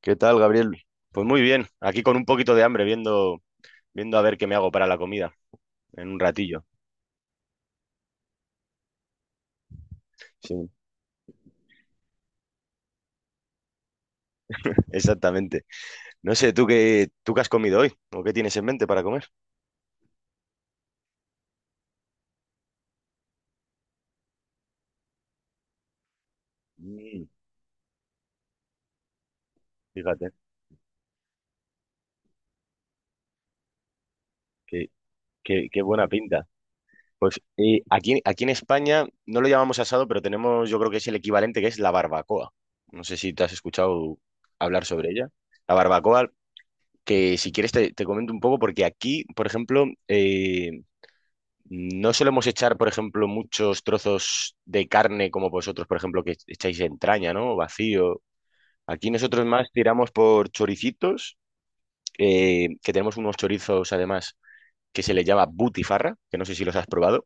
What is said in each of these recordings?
¿Qué tal, Gabriel? Pues muy bien, aquí con un poquito de hambre, viendo a ver qué me hago para la comida en un ratillo. Sí, exactamente. No sé, ¿tú qué has comido hoy? ¿O qué tienes en mente para comer? Mm. Fíjate, qué, qué buena pinta. Pues aquí en España no lo llamamos asado, pero tenemos, yo creo que es el equivalente, que es la barbacoa. No sé si te has escuchado hablar sobre ella. La barbacoa, que si quieres te comento un poco, porque aquí, por ejemplo, no solemos echar, por ejemplo, muchos trozos de carne como vosotros, por ejemplo, que echáis entraña, ¿no? Vacío. Aquí nosotros más tiramos por choricitos, que tenemos unos chorizos además que se les llama butifarra, que no sé si los has probado.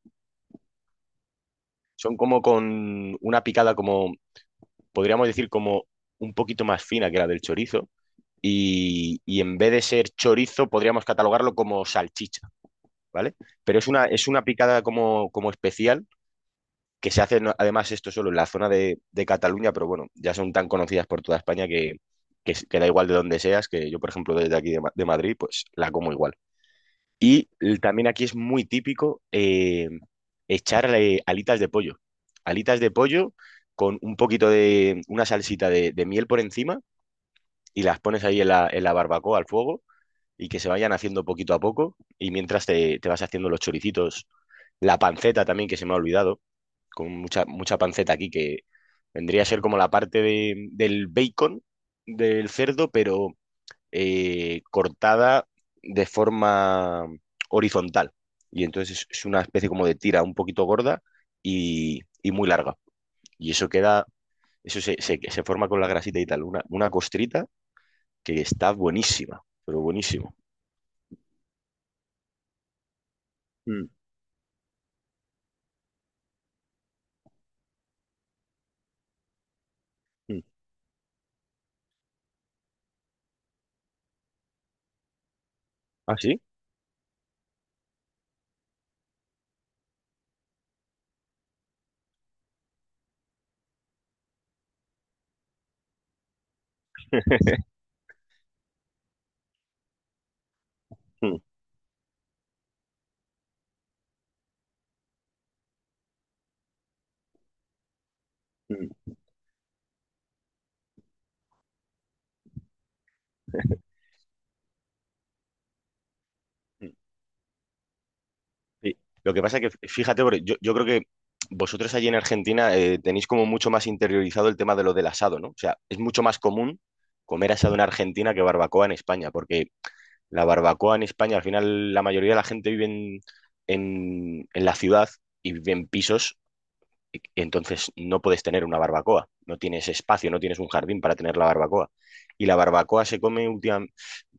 Son como con una picada como, podríamos decir, como un poquito más fina que la del chorizo. Y en vez de ser chorizo, podríamos catalogarlo como salchicha, ¿vale? Pero es una picada como, especial, que se hacen además esto solo en la zona de Cataluña, pero bueno, ya son tan conocidas por toda España que da igual de donde seas, que yo, por ejemplo, desde aquí de Madrid, pues la como igual. Y también aquí es muy típico echar alitas de pollo. Alitas de pollo con un poquito de una salsita de miel por encima y las pones ahí en la barbacoa al fuego, y que se vayan haciendo poquito a poco y mientras te vas haciendo los choricitos. La panceta también, que se me ha olvidado, con mucha, mucha panceta aquí, que vendría a ser como la parte del bacon del cerdo, pero cortada de forma horizontal. Y entonces es una especie como de tira un poquito gorda y muy larga. Y eso queda, eso se forma con la grasita y tal, una costrita que está buenísima, pero buenísimo. Mm, mm. ¿Ah, sí? Mm, mm, mm. Sí. Lo que pasa es que, fíjate, porque yo creo que vosotros allí en Argentina tenéis como mucho más interiorizado el tema de lo del asado, ¿no? O sea, es mucho más común comer asado en Argentina que barbacoa en España, porque la barbacoa en España, al final, la mayoría de la gente vive en la ciudad y vive en pisos, entonces no puedes tener una barbacoa, no tienes espacio, no tienes un jardín para tener la barbacoa. Y la barbacoa se come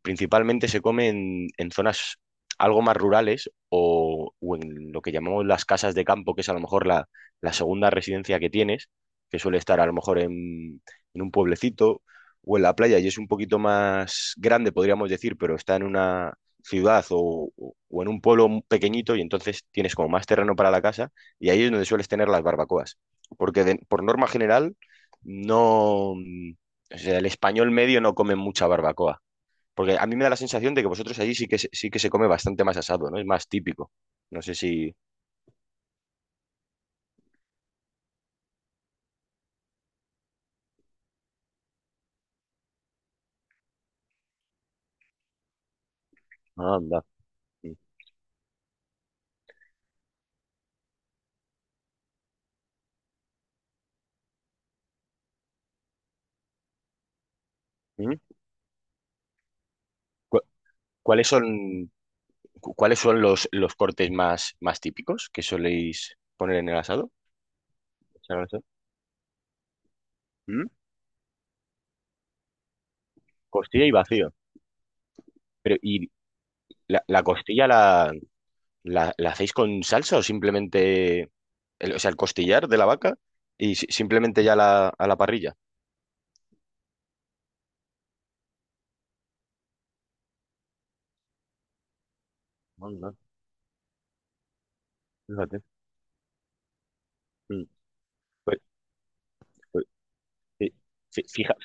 principalmente se come en zonas algo más rurales, o en lo que llamamos las casas de campo, que es a lo mejor la segunda residencia que tienes, que suele estar a lo mejor en un pueblecito o en la playa y es un poquito más grande, podríamos decir, pero está en una ciudad o en un pueblo pequeñito, y entonces tienes como más terreno para la casa, y ahí es donde sueles tener las barbacoas. Porque por norma general, no. O sea, el español medio no come mucha barbacoa. Porque a mí me da la sensación de que vosotros allí sí que se come bastante más asado, ¿no? Es más típico. No sé si. Ah, anda. ¿Mm? ¿Cu- ¿Cuáles son, cuáles son los cortes más típicos que soléis poner en el asado? O sea, no. ¿Mm? Costilla y vacío. Pero, ¿y la costilla la, ¿la hacéis con salsa o simplemente, o sea, el costillar de la vaca y simplemente ya a la parrilla? Anda, fíjate. Mm. Pues- pues, sí. Fí- fija-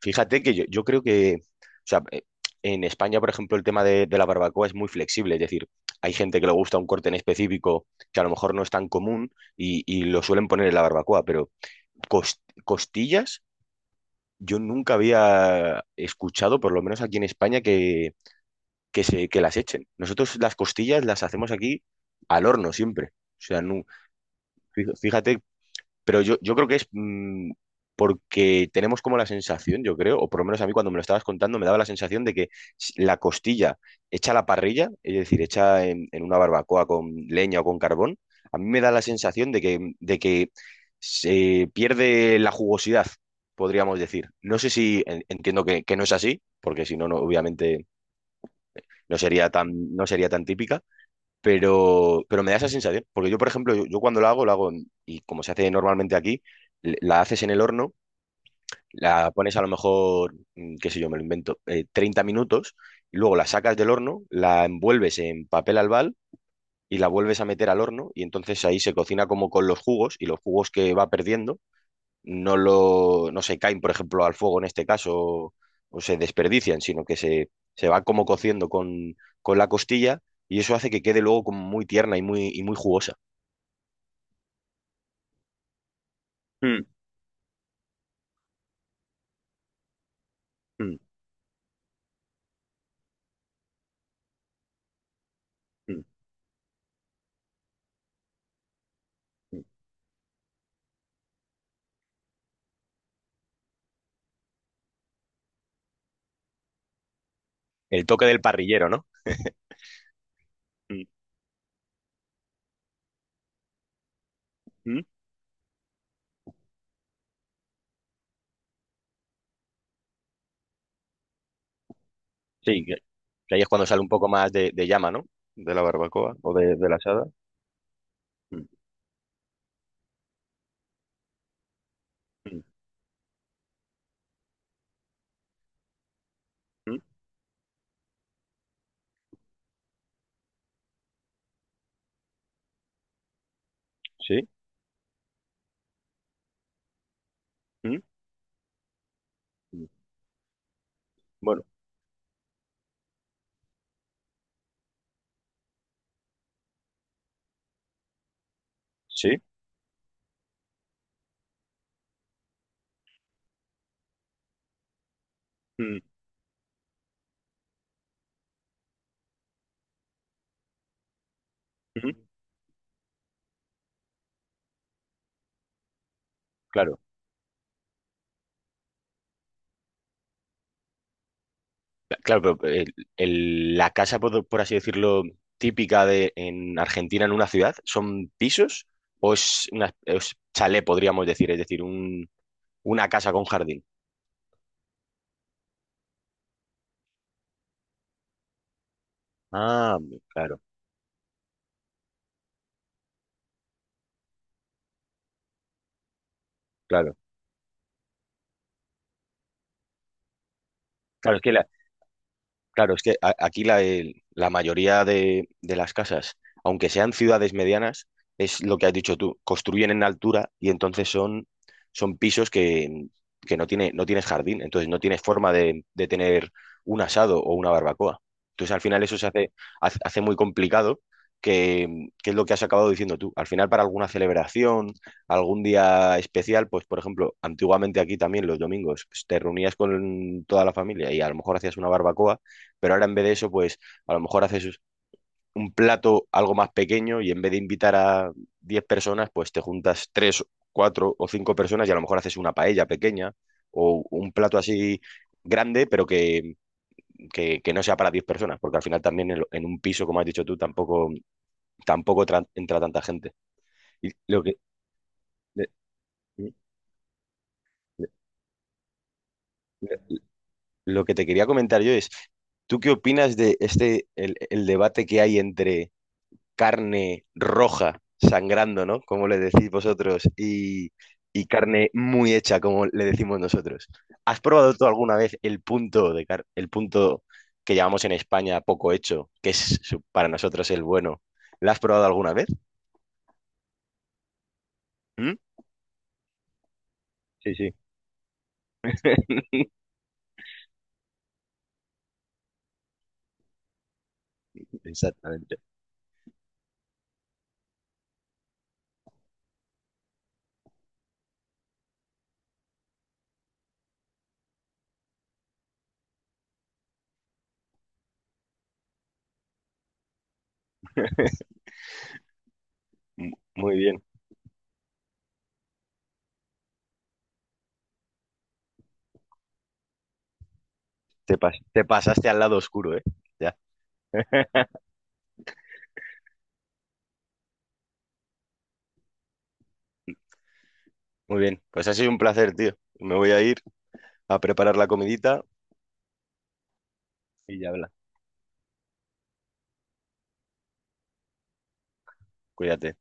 fíjate que yo creo que, o sea, en España, por ejemplo, el tema de la barbacoa es muy flexible, es decir, hay gente que le gusta un corte en específico que a lo mejor no es tan común y lo suelen poner en la barbacoa, pero cos- costillas yo nunca había escuchado, por lo menos aquí en España, que las echen. Nosotros las costillas las hacemos aquí al horno siempre. O sea, no, fíjate, pero yo creo que es, porque tenemos como la sensación, yo creo, o por lo menos a mí cuando me lo estabas contando me daba la sensación de que la costilla hecha a la parrilla, es decir, hecha en una barbacoa con leña o con carbón, a mí me da la sensación de que, se pierde la jugosidad, podríamos decir. No sé si entiendo que, no es así, porque si no, obviamente no sería tan típica, pero me da esa sensación, porque yo, por ejemplo, yo cuando la hago, y como se hace normalmente aquí, la haces en el horno, la pones a lo mejor, qué sé yo, me lo invento, 30 minutos, y luego la sacas del horno, la envuelves en papel albal y la vuelves a meter al horno, y entonces ahí se cocina como con los jugos, y los jugos que va perdiendo no se caen, por ejemplo, al fuego en este caso, o se desperdician, sino que se va como cociendo con la costilla, y eso hace que quede luego como muy tierna y y muy jugosa. Mm, mm, mm, mm. El toque del parrillero, ¿no? Ujú. Sí, que ahí es cuando sale un poco más de llama, ¿no? De la barbacoa o de la asada. Mm, mm, mm. Sí. Mm, mm. Bueno, sí. Mm, mm. Claro. Claro, pero la casa, por así decirlo, típica de en Argentina, en una ciudad, ¿son pisos o es chalet, podríamos decir? Es decir, una casa con jardín. Ah, claro, claro. Claro, es que la, Claro, es que aquí la mayoría de las casas, aunque sean ciudades medianas, es lo que has dicho tú, construyen en altura, y entonces son, pisos que no tienes jardín, entonces no tienes forma de tener un asado o una barbacoa. Entonces al final eso se hace muy complicado, que, que es lo que has acabado diciendo tú. Al final, para alguna celebración, algún día especial, pues por ejemplo, antiguamente aquí también los domingos, pues, te reunías con toda la familia y a lo mejor hacías una barbacoa, pero ahora en vez de eso, pues a lo mejor haces un plato algo más pequeño, y en vez de invitar a 10 personas, pues te juntas tres, 4 o 5 personas y a lo mejor haces una paella pequeña o un plato así grande, pero que, que no sea para 10 personas, porque al final también en un piso, como has dicho tú, tampoco, tampoco entra tanta gente. Y lo que, le- le- le- lo que te quería comentar yo es, ¿tú qué opinas de el debate que hay entre carne roja sangrando, ¿no? Como le decís vosotros, y carne muy hecha, como le decimos nosotros. ¿Has probado tú alguna vez el punto el punto que llamamos en España poco hecho, que es para nosotros el bueno? ¿La has probado alguna vez? ¿Mm? Sí, sí. Exactamente. Muy bien. Te pasaste al lado oscuro, ¿eh? Ya. Muy bien. Pues ha sido un placer, tío. Me voy a ir a preparar la comidita y ya habla. Cuídate.